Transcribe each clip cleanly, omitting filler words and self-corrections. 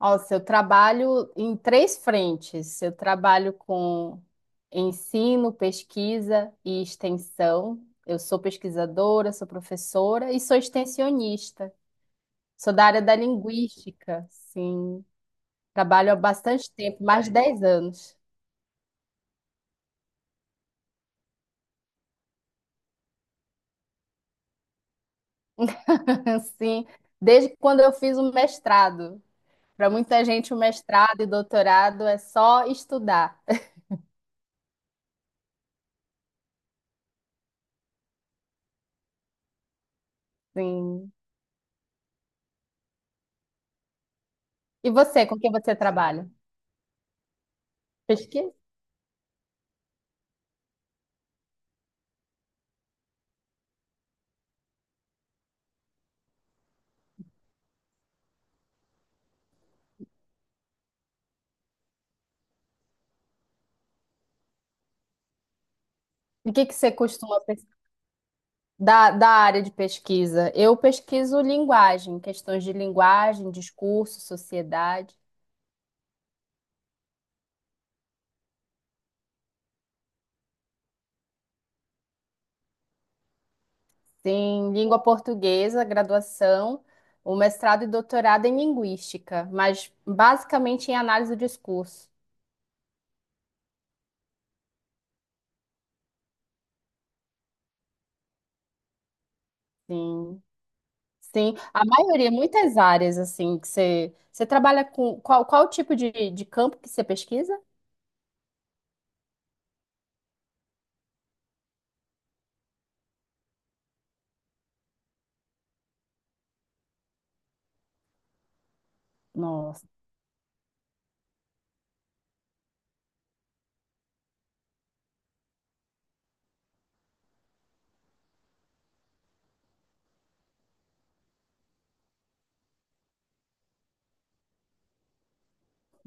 Nossa, eu trabalho em três frentes. Eu trabalho com ensino, pesquisa e extensão. Eu sou pesquisadora, sou professora e sou extensionista. Sou da área da linguística, sim. Trabalho há bastante tempo, mais de 10 anos. Sim, desde quando eu fiz o mestrado. Para muita gente, o mestrado e doutorado é só estudar. Sim. E você, com quem você trabalha? Pesquisa? O que que você costuma Da área de pesquisa. Eu pesquiso linguagem, questões de linguagem, discurso, sociedade. Tem língua portuguesa, graduação, o mestrado e doutorado em linguística, mas basicamente em análise do discurso. Sim, sim. A maioria, muitas áreas, assim, que você trabalha com... Qual tipo de campo que você pesquisa? Nossa.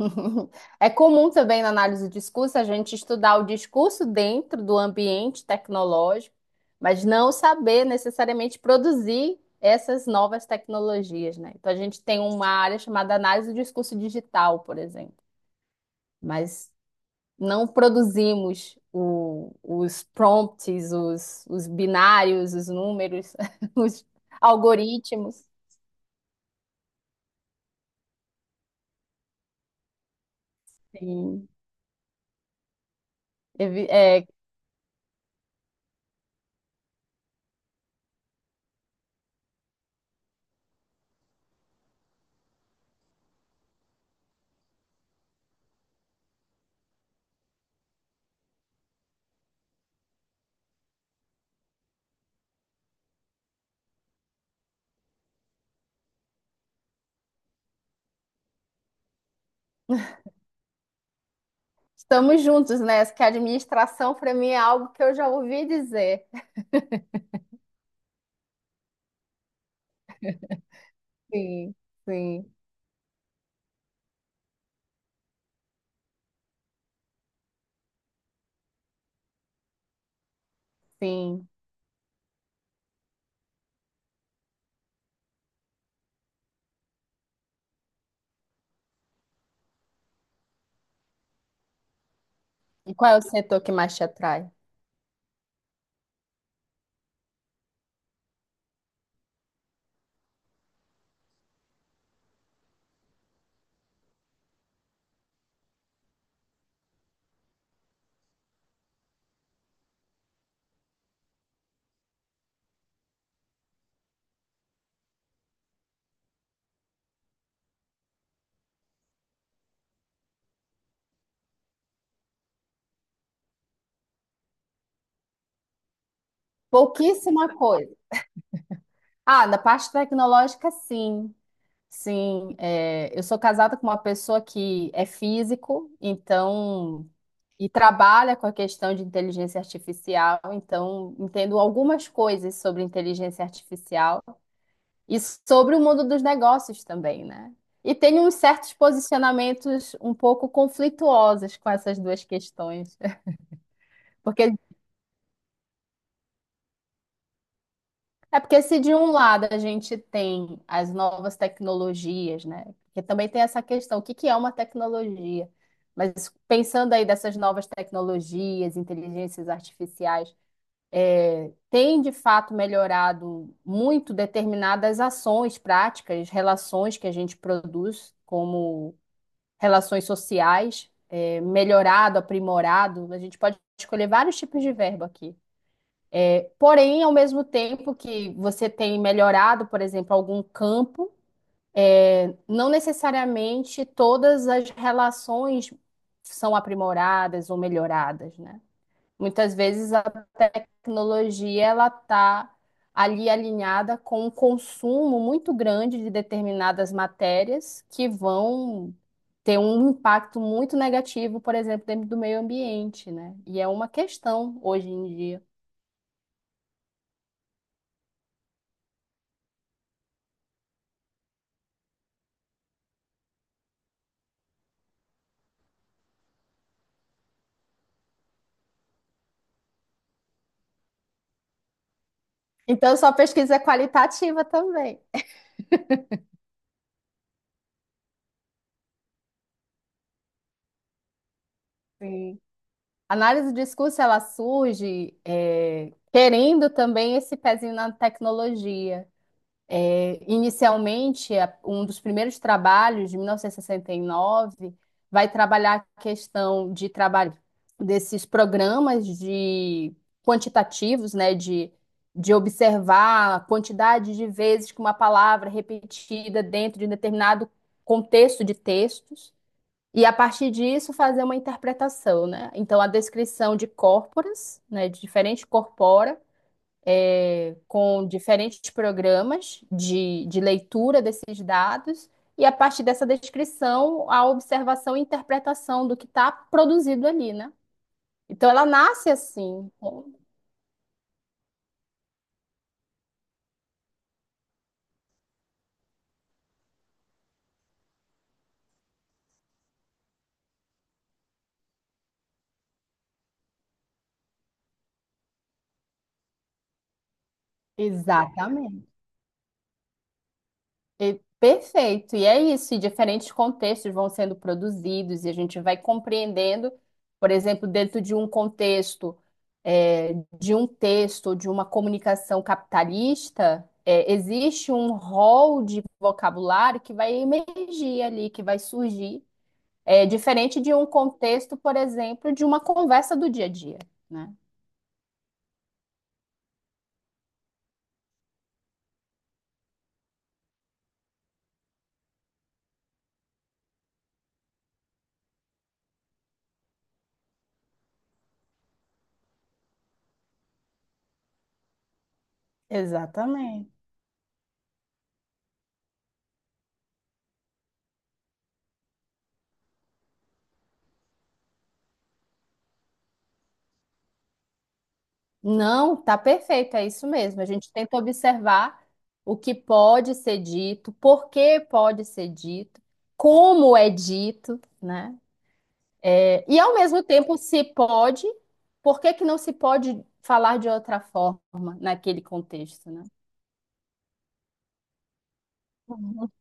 Uhum. É comum também na análise do discurso a gente estudar o discurso dentro do ambiente tecnológico, mas não saber necessariamente produzir essas novas tecnologias, né? Então a gente tem uma área chamada análise do discurso digital, por exemplo, mas não produzimos os prompts, os binários, os números, os algoritmos. Sim. Estamos juntos, né? Que a administração para mim é algo que eu já ouvi dizer. Sim, sim, sim. E qual é o setor que mais te atrai? Pouquíssima coisa. Ah, na parte tecnológica, sim. Sim, é, eu sou casada com uma pessoa que é físico, então, e trabalha com a questão de inteligência artificial, então entendo algumas coisas sobre inteligência artificial. E sobre o mundo dos negócios também, né? E tem uns certos posicionamentos um pouco conflituosos com essas duas questões. Porque é porque se de um lado a gente tem as novas tecnologias, né? Porque também tem essa questão, o que que é uma tecnologia? Mas pensando aí dessas novas tecnologias, inteligências artificiais, é, tem de fato melhorado muito determinadas ações, práticas, relações que a gente produz como relações sociais, é, melhorado, aprimorado. A gente pode escolher vários tipos de verbo aqui. Porém, ao mesmo tempo que você tem melhorado, por exemplo, algum campo, é, não necessariamente todas as relações são aprimoradas ou melhoradas, né? Muitas vezes a tecnologia ela está ali alinhada com um consumo muito grande de determinadas matérias que vão ter um impacto muito negativo, por exemplo, dentro do meio ambiente, né? E é uma questão hoje em dia. Então, sua pesquisa é qualitativa também. Sim. A análise do discurso ela surge querendo também esse pezinho na tecnologia. É, inicialmente, um dos primeiros trabalhos, de 1969, vai trabalhar a questão de trabalho desses programas de quantitativos, né, de observar a quantidade de vezes que uma palavra é repetida dentro de um determinado contexto de textos, e a partir disso fazer uma interpretação, né? Então, a descrição de corporas, né, de diferentes corpora, é, com diferentes programas de leitura desses dados, e a partir dessa descrição, a observação e interpretação do que está produzido ali, né? Então ela nasce assim. Exatamente. Perfeito. E é isso. E diferentes contextos vão sendo produzidos e a gente vai compreendendo, por exemplo, dentro de um contexto, é, de um texto, de uma comunicação capitalista, é, existe um rol de vocabulário que vai emergir ali, que vai surgir, é, diferente de um contexto, por exemplo, de uma conversa do dia a dia, né? Exatamente. Não, tá perfeito, é isso mesmo. A gente tenta observar o que pode ser dito, por que pode ser dito, como é dito, né? É, e ao mesmo tempo, se pode, por que que não se pode falar de outra forma naquele contexto, né? Uhum.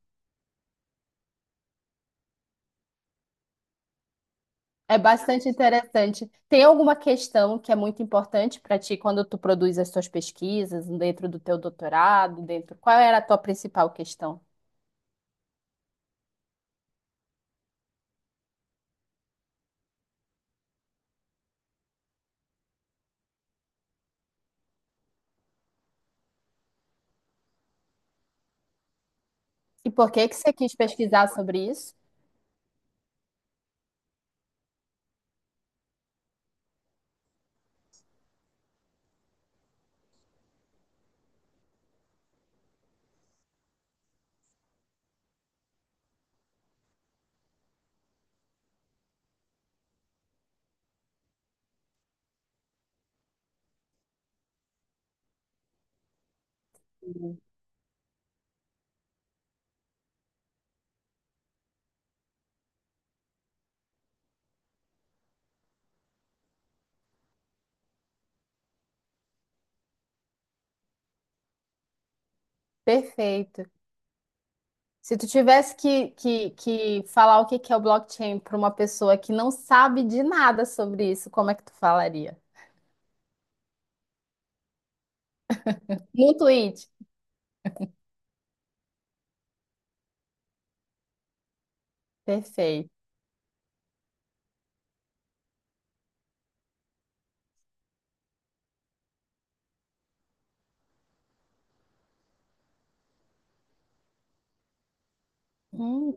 É bastante interessante. Tem alguma questão que é muito importante para ti quando tu produz as tuas pesquisas dentro do teu doutorado, dentro... Qual era a tua principal questão? E por que que você quis pesquisar sobre isso? Perfeito. Se tu tivesse que falar o que que é o blockchain para uma pessoa que não sabe de nada sobre isso, como é que tu falaria? Num tweet. Perfeito. Hum.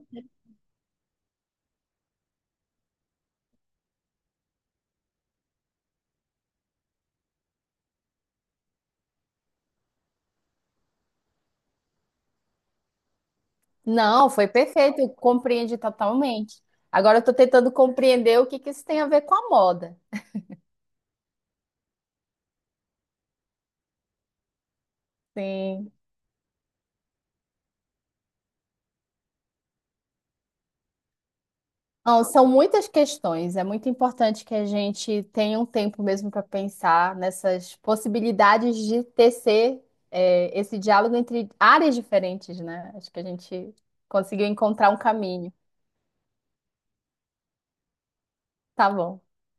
Não, foi perfeito. Eu compreendi totalmente. Agora eu estou tentando compreender o que que isso tem a ver com a moda. Sim. Não, são muitas questões. É muito importante que a gente tenha um tempo mesmo para pensar nessas possibilidades de tecer, é, esse diálogo entre áreas diferentes, né? Acho que a gente conseguiu encontrar um caminho. Tá bom.